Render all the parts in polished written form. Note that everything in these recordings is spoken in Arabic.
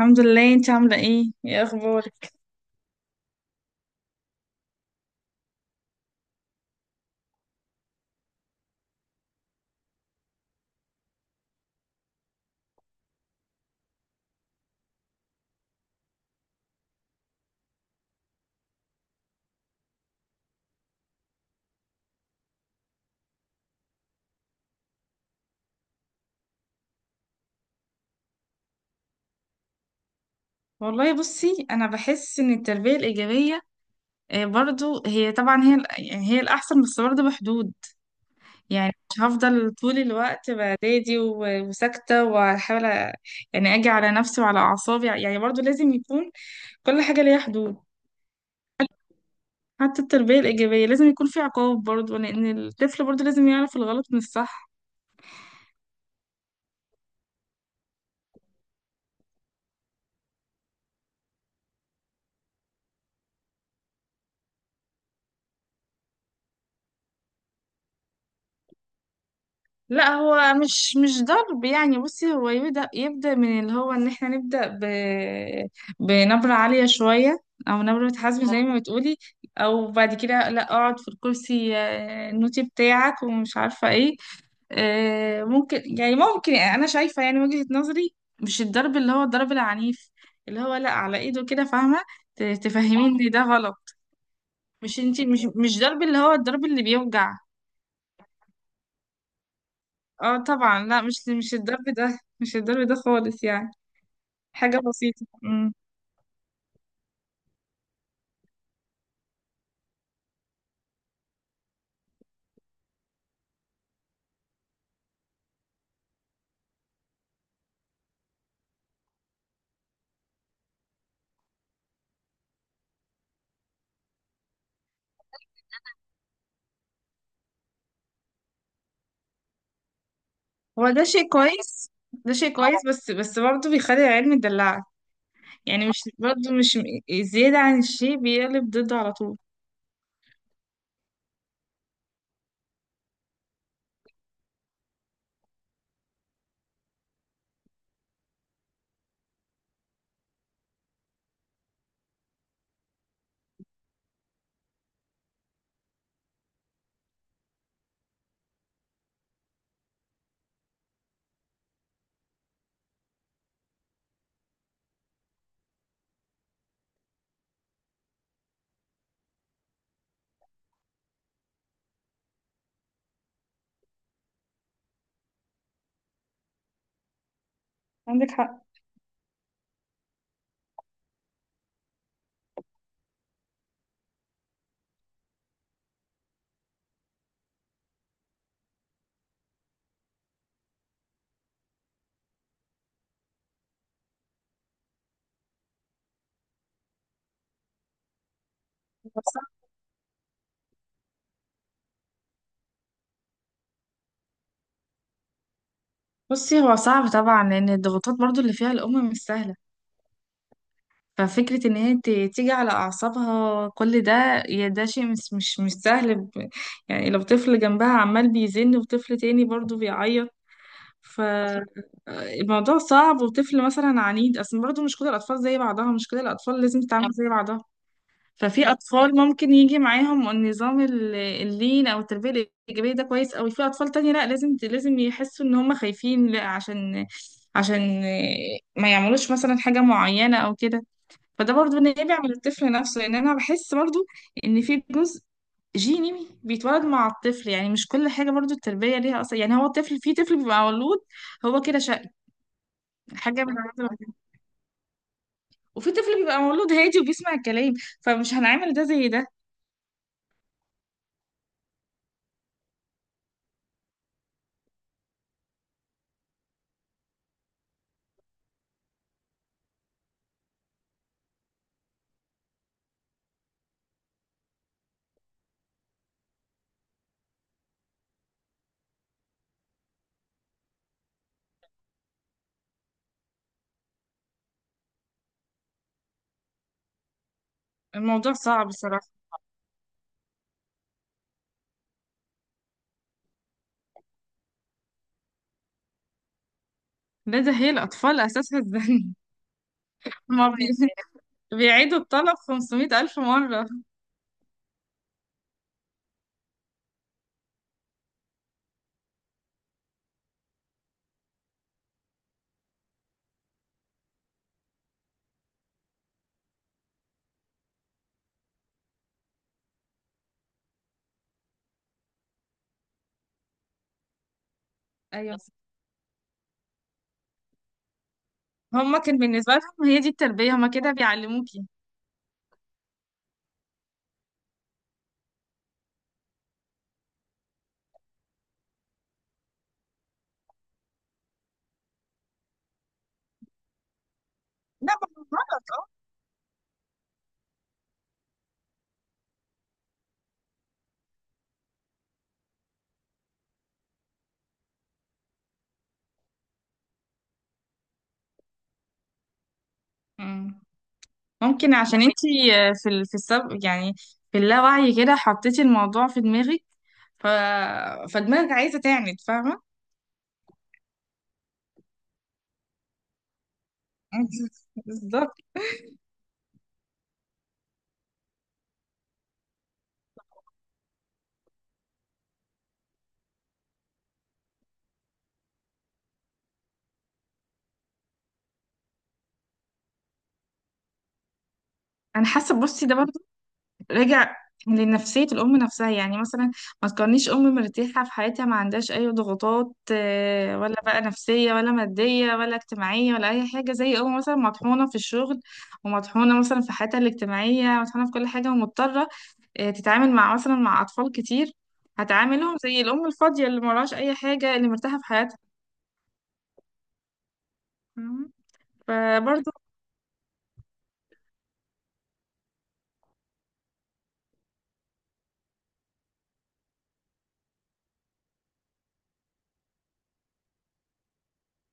الحمد لله. انت عاملة ايه اخبارك؟ والله بصي انا بحس ان التربية الايجابية برضو هي، طبعا، يعني هي الاحسن، بس برضو بحدود. يعني مش هفضل طول الوقت بعدادي وساكتة، واحاول يعني اجي على نفسي وعلى اعصابي. يعني برضو لازم يكون كل حاجة ليها حدود. حتى التربية الايجابية لازم يكون في عقاب، برضو لان الطفل برضو لازم يعرف الغلط من الصح. لا، هو مش ضرب. يعني بصي هو يبدأ من اللي هو ان احنا نبدأ بنبرة عالية شوية، او نبرة حزم زي ما بتقولي، او بعد كده لا اقعد في الكرسي النوتي بتاعك، ومش عارفة ايه. يعني ممكن انا شايفة، يعني وجهة نظري، مش الضرب اللي هو الضرب العنيف، اللي هو لا على ايده كده، فاهمة؟ تفهميني ده غلط. مش انتي، مش ضرب اللي هو الضرب اللي بيوجع. اه طبعا، لا، مش الضرب ده، مش الضرب ده خالص، يعني حاجة بسيطة. هو ده شيء كويس، ده شيء كويس، بس برضه بيخلي العيال مدلعة. يعني مش برضه مش م- زيادة عن الشيء بيقلب ضده على طول. عندك حق. هو صعب. بصي هو صعب طبعا، لأن الضغوطات برضه اللي فيها الأم مش سهلة. ففكرة إن هي تيجي على أعصابها كل ده، يا ده شيء مش سهل. يعني لو طفل جنبها عمال بيزن وطفل تاني برضه بيعيط ف- الموضوع صعب. وطفل مثلا عنيد اصلا، برضه مش كل الاطفال زي بعضها، مش كل الاطفال لازم تتعامل زي بعضها. ففي اطفال ممكن يجي معاهم النظام اللين او التربيه الايجابيه، ده كويس قوي. في اطفال تانية لا، لازم يحسوا ان هم خايفين، لا عشان عشان ما يعملوش مثلا حاجه معينه او كده. فده برضو نابع من الطفل نفسه، لان انا بحس برضو ان في جزء جيني بيتولد مع الطفل. يعني مش كل حاجة برضو التربية ليها أصلا. يعني هو الطفل، في طفل بيبقى مولود هو كده شقي، حاجة من العادة. وفي طفل بيبقى مولود هادي وبيسمع الكلام، فمش هنعمل ده زي ده. الموضوع صعب صراحة. ده هي الأطفال أساسها الزن. ما بي... بيعيدوا الطلب 500 ألف مرة. أيوة، هما كان بالنسبة لهم هي دي التربية، هما كده بيعلموكي. لا. مم. ممكن عشان انتي، في السب، يعني في اللاوعي كده، حطيتي الموضوع في دماغك. ف... فدماغك عايزة تعند، فاهمة؟ بالظبط. انا حاسة بصي ده برضه راجع لنفسية الأم نفسها. يعني مثلا ما تكونيش أم مرتاحة في حياتها، ما عندهاش أي ضغوطات، ولا بقى نفسية، ولا مادية، ولا اجتماعية، ولا أي حاجة. زي أم مثلا مطحونة في الشغل، ومطحونة مثلا في حياتها الاجتماعية، مطحونة في كل حاجة، ومضطرة تتعامل مثلا مع أطفال كتير. هتعاملهم زي الأم الفاضية اللي مراش أي حاجة، اللي مرتاحة في حياتها. مم. فبرضه.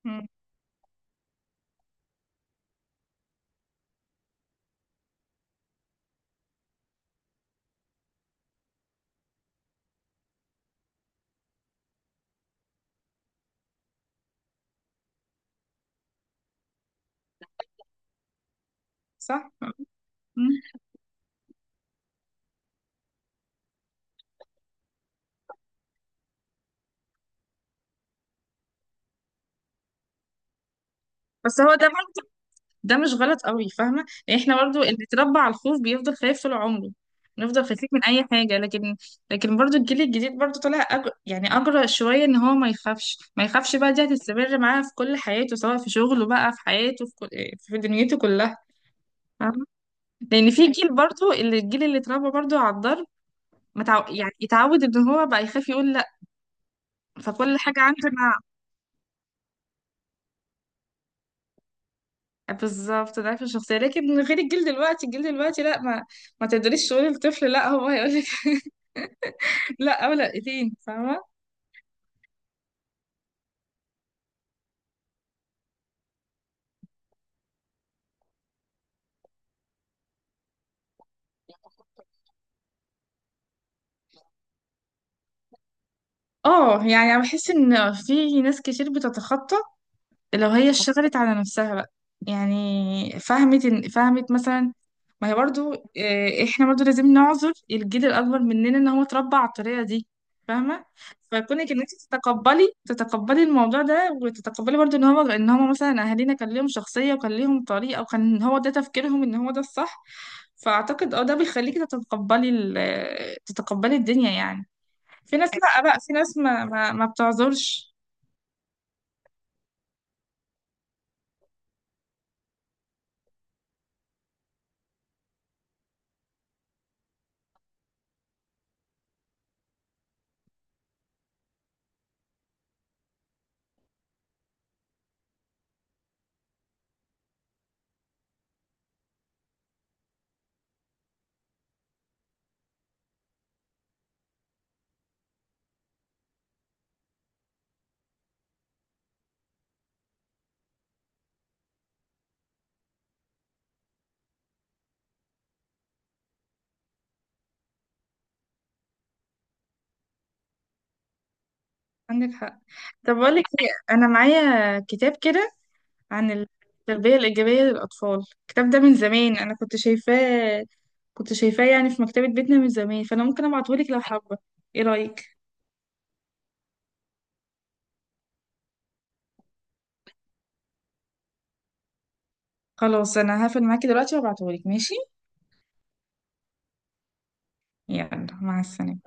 مم. صح. مم. بس هو ده برضه، ده مش غلط قوي، فاهمة؟ يعني احنا برضه اللي بيتربى على الخوف بيفضل خايف طول عمره. بنفضل خايفين من أي حاجة. لكن، لكن برضه الجيل الجديد برضه طالع يعني أجرأ شوية، إن هو ما يخافش ما يخافش بقى. دي هتستمر معاه في كل حياته، سواء في شغله بقى، في حياته، في دنيته كلها. فاهمة؟ لأن في جيل برضه، الجيل اللي اتربى برضه على الضرب يعني يتعود ان هو بقى يخاف يقول لا. فكل حاجه عنده. بالظبط ضعف الشخصيه. لكن من غير، الجيل دلوقتي، الجيل دلوقتي لا، ما تقدريش تقولي للطفل لا، هو هيقول لك لا، او لا. فاهمه؟ اه يعني انا بحس ان في ناس كتير بتتخطى لو هي اشتغلت على نفسها بقى. يعني فهمت فهمت مثلا، ما هي برضو، احنا برضو لازم نعذر الجيل الاكبر مننا ان هو اتربى على الطريقه دي. فاهمه؟ فكونك ان انت تتقبلي الموضوع ده، وتتقبلي برضو ان هو مثلا اهالينا كان ليهم شخصيه، وكان ليهم طريقه، وكان هو ده تفكيرهم، ان هو ده الصح. فاعتقد ده بيخليكي تتقبلي الدنيا يعني. في ناس لا بقى، في ناس ما بتعذرش. عندك حق. طب بقول لك إيه، انا معايا كتاب كده عن التربيه الايجابيه للاطفال، الكتاب ده من زمان انا كنت شايفاه يعني في مكتبه بيتنا من زمان. فانا ممكن ابعته لك لو حابه، ايه رايك؟ خلاص انا هقفل معاكي دلوقتي وابعته لك، ماشي؟ يلا مع السلامه.